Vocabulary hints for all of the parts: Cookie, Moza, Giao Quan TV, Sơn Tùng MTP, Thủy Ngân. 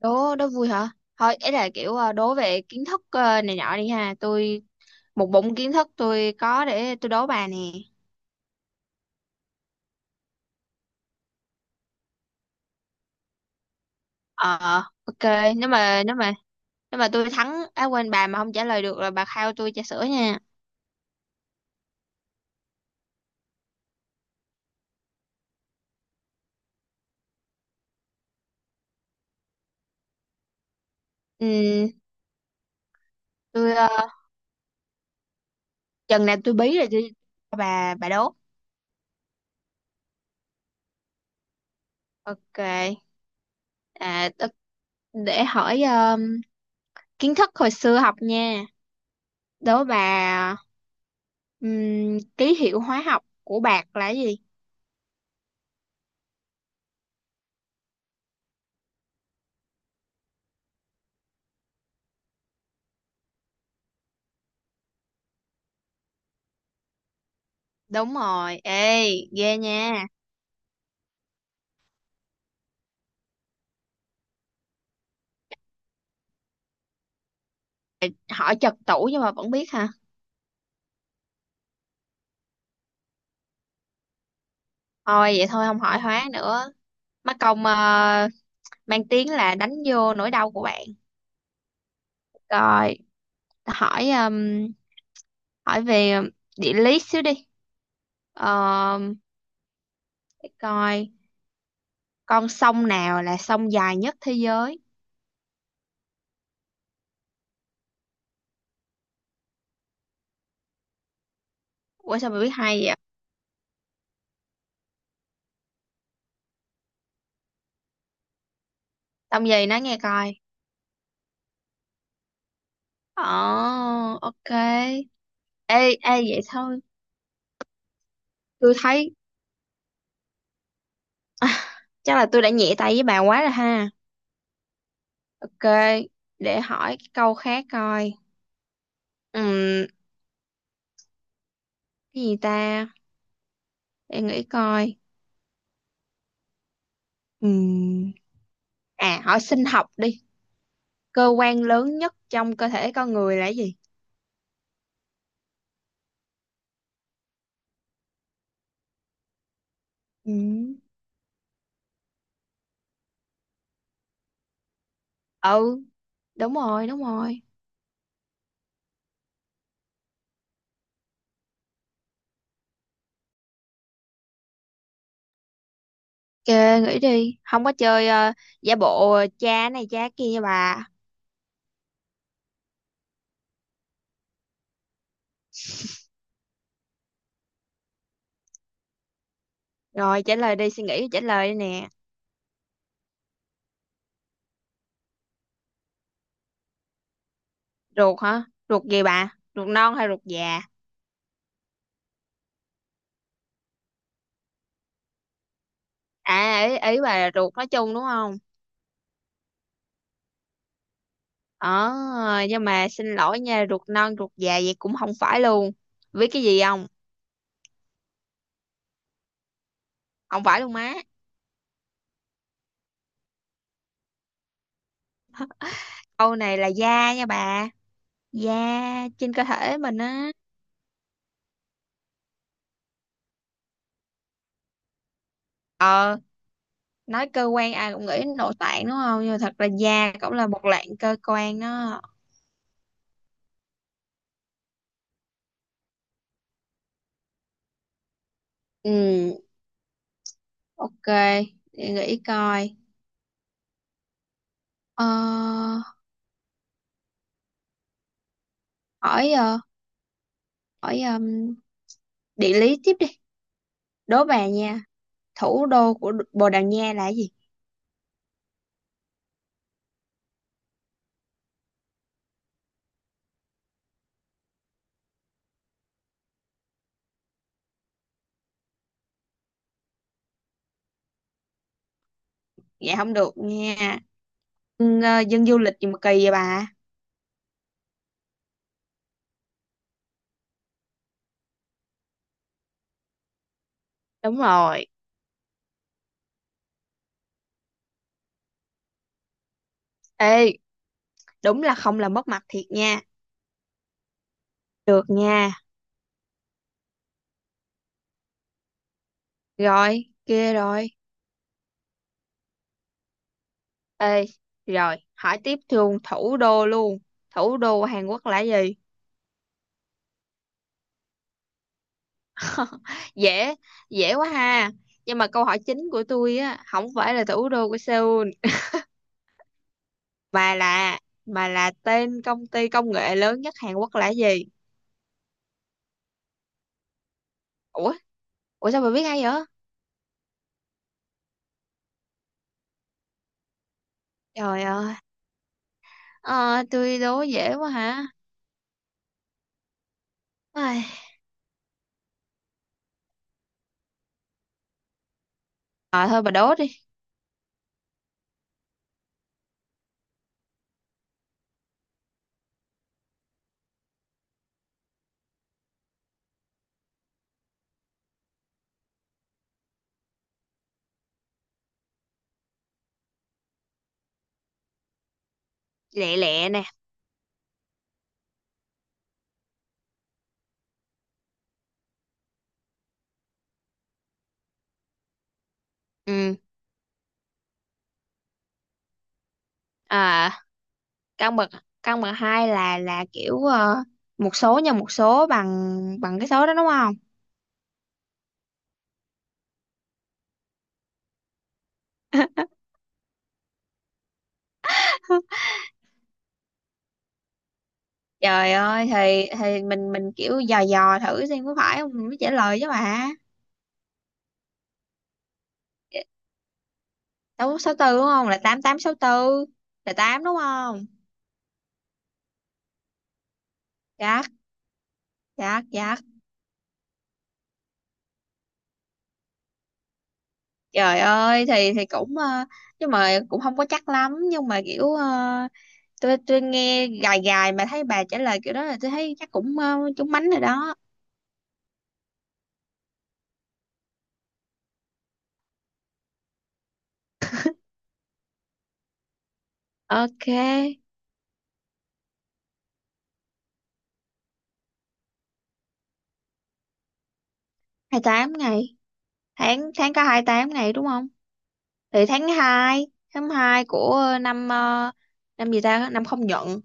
Đố đố vui hả? Thôi ấy là kiểu đố về kiến thức này nọ đi, ha. Tôi một bụng kiến thức, tôi có, để tôi đố bà nè. Ờ, ok. Nếu mà nếu mà nếu mà tôi thắng á, quên, bà mà không trả lời được là bà khao tôi trà sữa nha. Ừ, tôi chừng nào tôi bí rồi tôi cho bà đố. Ok. à tôi- để hỏi kiến thức hồi xưa học nha. Đố bà. Ký hiệu hóa học của bạc là cái gì? Đúng rồi, ê, ghê nha. Hỏi chật tủ nhưng mà vẫn biết hả? Thôi vậy thôi, không hỏi hóa nữa. Mắc công mang tiếng là đánh vô nỗi đau của bạn. Rồi, hỏi hỏi về địa lý xíu đi. Ờ, để coi, con sông nào là sông dài nhất thế giới? Ủa sao mà biết hay vậy? Sông gì nói nghe coi. Ồ, ok. Ê, ê vậy thôi. Tôi thấy chắc là tôi đã nhẹ tay với bà quá rồi ha. Ok, để hỏi cái câu khác coi. Ừm, cái gì ta? Để nghĩ coi. Ừm, à, hỏi sinh học đi. Cơ quan lớn nhất trong cơ thể con người là cái gì? Ừm, Ừ, đúng rồi, đúng rồi. Ok, nghĩ đi. Không có chơi giả bộ cha này cha kia nha bà. Rồi, trả lời đi, suy nghĩ trả lời đi nè. Ruột hả? Ruột gì bà? Ruột non hay ruột già? À, ý bà là ruột nói chung đúng không? Ờ, nhưng mà xin lỗi nha, ruột non ruột già vậy cũng không phải luôn. Biết cái gì không? Không phải luôn má. Câu này là da nha bà. Da trên cơ thể mình á. Ờ, nói cơ quan ai cũng nghĩ đến nội tạng đúng không? Nhưng mà thật ra da cũng là một loại cơ quan đó. Ừ, ok. Để nghĩ coi. Ờ, hỏi hỏi địa lý tiếp đi. Đố bà nha. Thủ đô của Bồ Đào Nha là gì? Dạ không được nha. Dân, ờ, dân du lịch gì mà kỳ vậy bà? Đúng rồi. Ê, đúng là không làm mất mặt thiệt nha. Được nha. Rồi, kia rồi. Ê, rồi, hỏi tiếp luôn. Thủ đô của Hàn Quốc là gì? Dễ, dễ quá ha. Nhưng mà câu hỏi chính của tôi á, không phải là thủ đô của Seoul, mà là mà là tên công ty công nghệ lớn nhất Hàn Quốc là gì? Ủa, ủa sao bà biết hay vậy? Trời ơi, ờ, tôi đố dễ quá hả? Ai. À, thôi bà đố đi, lẹ lẹ nè. Ừ, à, căn bậc căn bậc hai là kiểu một số nhân một số bằng bằng cái số đó đúng không? Trời ơi, thì mình kiểu dò dò thử xem có phải không mình mới trả lời chứ bà. Sáu, sáu tư đúng không, là tám, tám, sáu tư là tám đúng không? Chắc, chắc chắc. Trời ơi, thì cũng nhưng mà cũng không có chắc lắm, nhưng mà kiểu tôi nghe gài gài mà thấy bà trả lời kiểu đó là tôi thấy chắc cũng trúng mánh rồi đó. Ok, hai tám ngày. Tháng tháng có hai tám ngày đúng không? Thì tháng hai, tháng 2 của năm năm gì ta? Năm không nhận.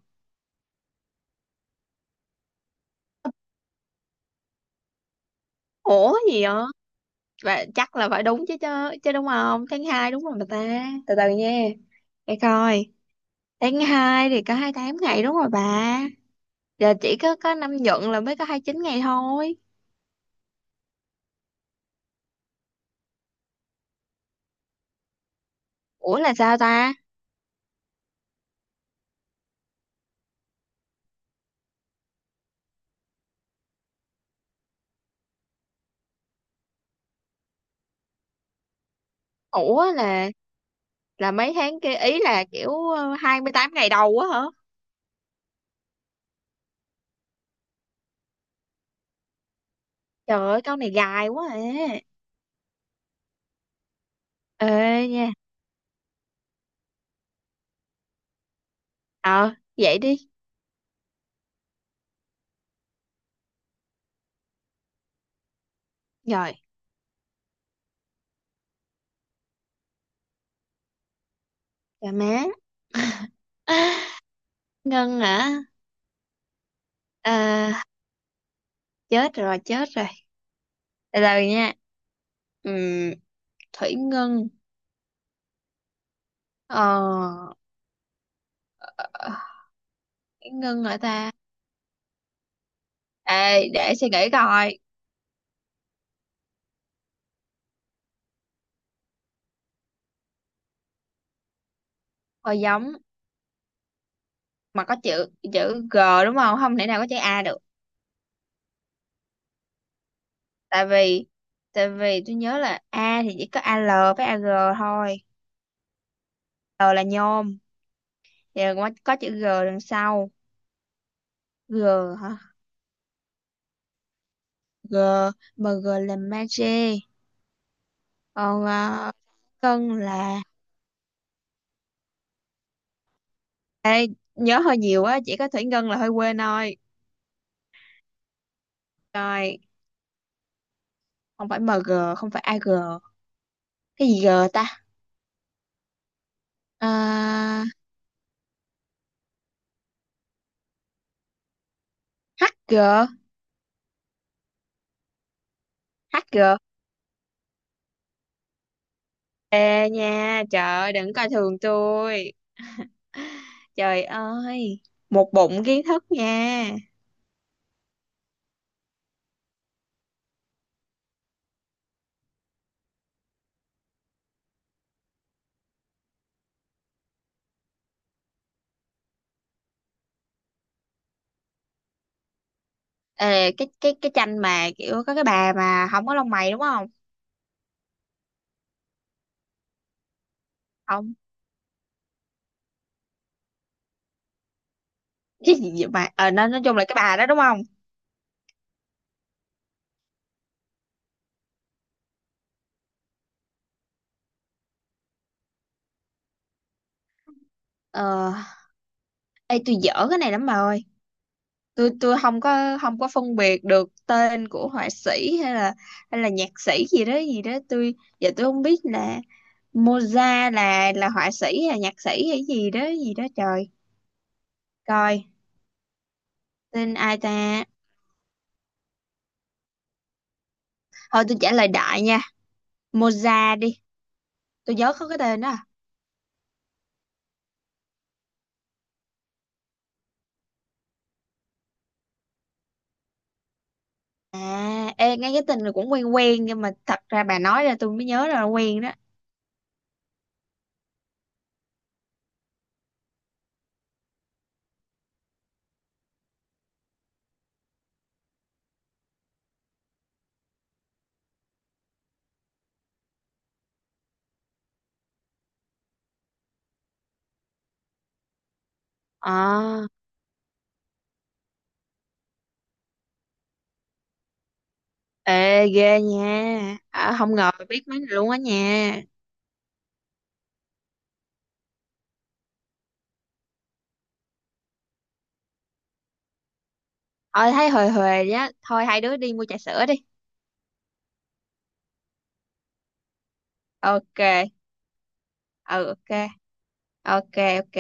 Ủa gì vậy? Và chắc là phải đúng chứ chứ, chứ đúng không? Tháng 2 đúng rồi mà ta. Từ từ nha. Để coi. Tháng 2 thì có hai tám ngày đúng rồi bà. Giờ chỉ có năm nhuận là mới có hai chín ngày thôi. Ủa là sao ta? Ủa là mấy tháng kia ý là kiểu hai mươi tám ngày đầu á hả? Trời ơi câu này dài quá à. Ê nha. Ờ vậy đi. Rồi, dạ má. Ngân hả? À, chết rồi, chết rồi. Từ từ nha. Ừm, Thủy Ngân. Ờ, Thủy Ngân hả ta? Ê, để suy nghĩ coi. Thôi giống, mà có chữ chữ G đúng không? Không thể nào có chữ A được. tại vì tại vì tôi nhớ là A thì chỉ có AL với AG thôi. L là nhôm, thì có chữ G đằng sau. G hả? G, MG là magie. Còn ờ, cân là nhớ hơi nhiều á, chỉ có thủy ngân là hơi quên thôi. Rồi, không phải MG, không phải AG, cái gì G ta? Ờ, HG. HG. Ê nha, trời ơi, đừng coi thường tôi. Trời ơi, một bụng kiến thức nha. Ê, cái tranh mà kiểu có cái bà mà không có lông mày đúng không? Không. Cái gì vậy mà ờ, nói chung là cái bà đó đúng không? Ờ, ê tôi dở cái này lắm bà ơi. Tôi không có, không có phân biệt được tên của họa sĩ hay là nhạc sĩ gì đó gì đó. Tôi giờ tôi không biết là Moza là họa sĩ hay là nhạc sĩ hay gì đó gì đó, trời, coi tên ai ta. Thôi tôi trả lời đại nha, Moza đi, tôi nhớ có cái tên đó à. À, ê, nghe cái tên này cũng quen quen nhưng mà thật ra bà nói ra tôi mới nhớ ra là quen đó. À, ê, ghê nha. À, không ngờ biết mấy này luôn á nha. Ờ, thấy hời hời á. Thôi hai đứa đi mua trà sữa đi. Ok, ừ ok, ok ok.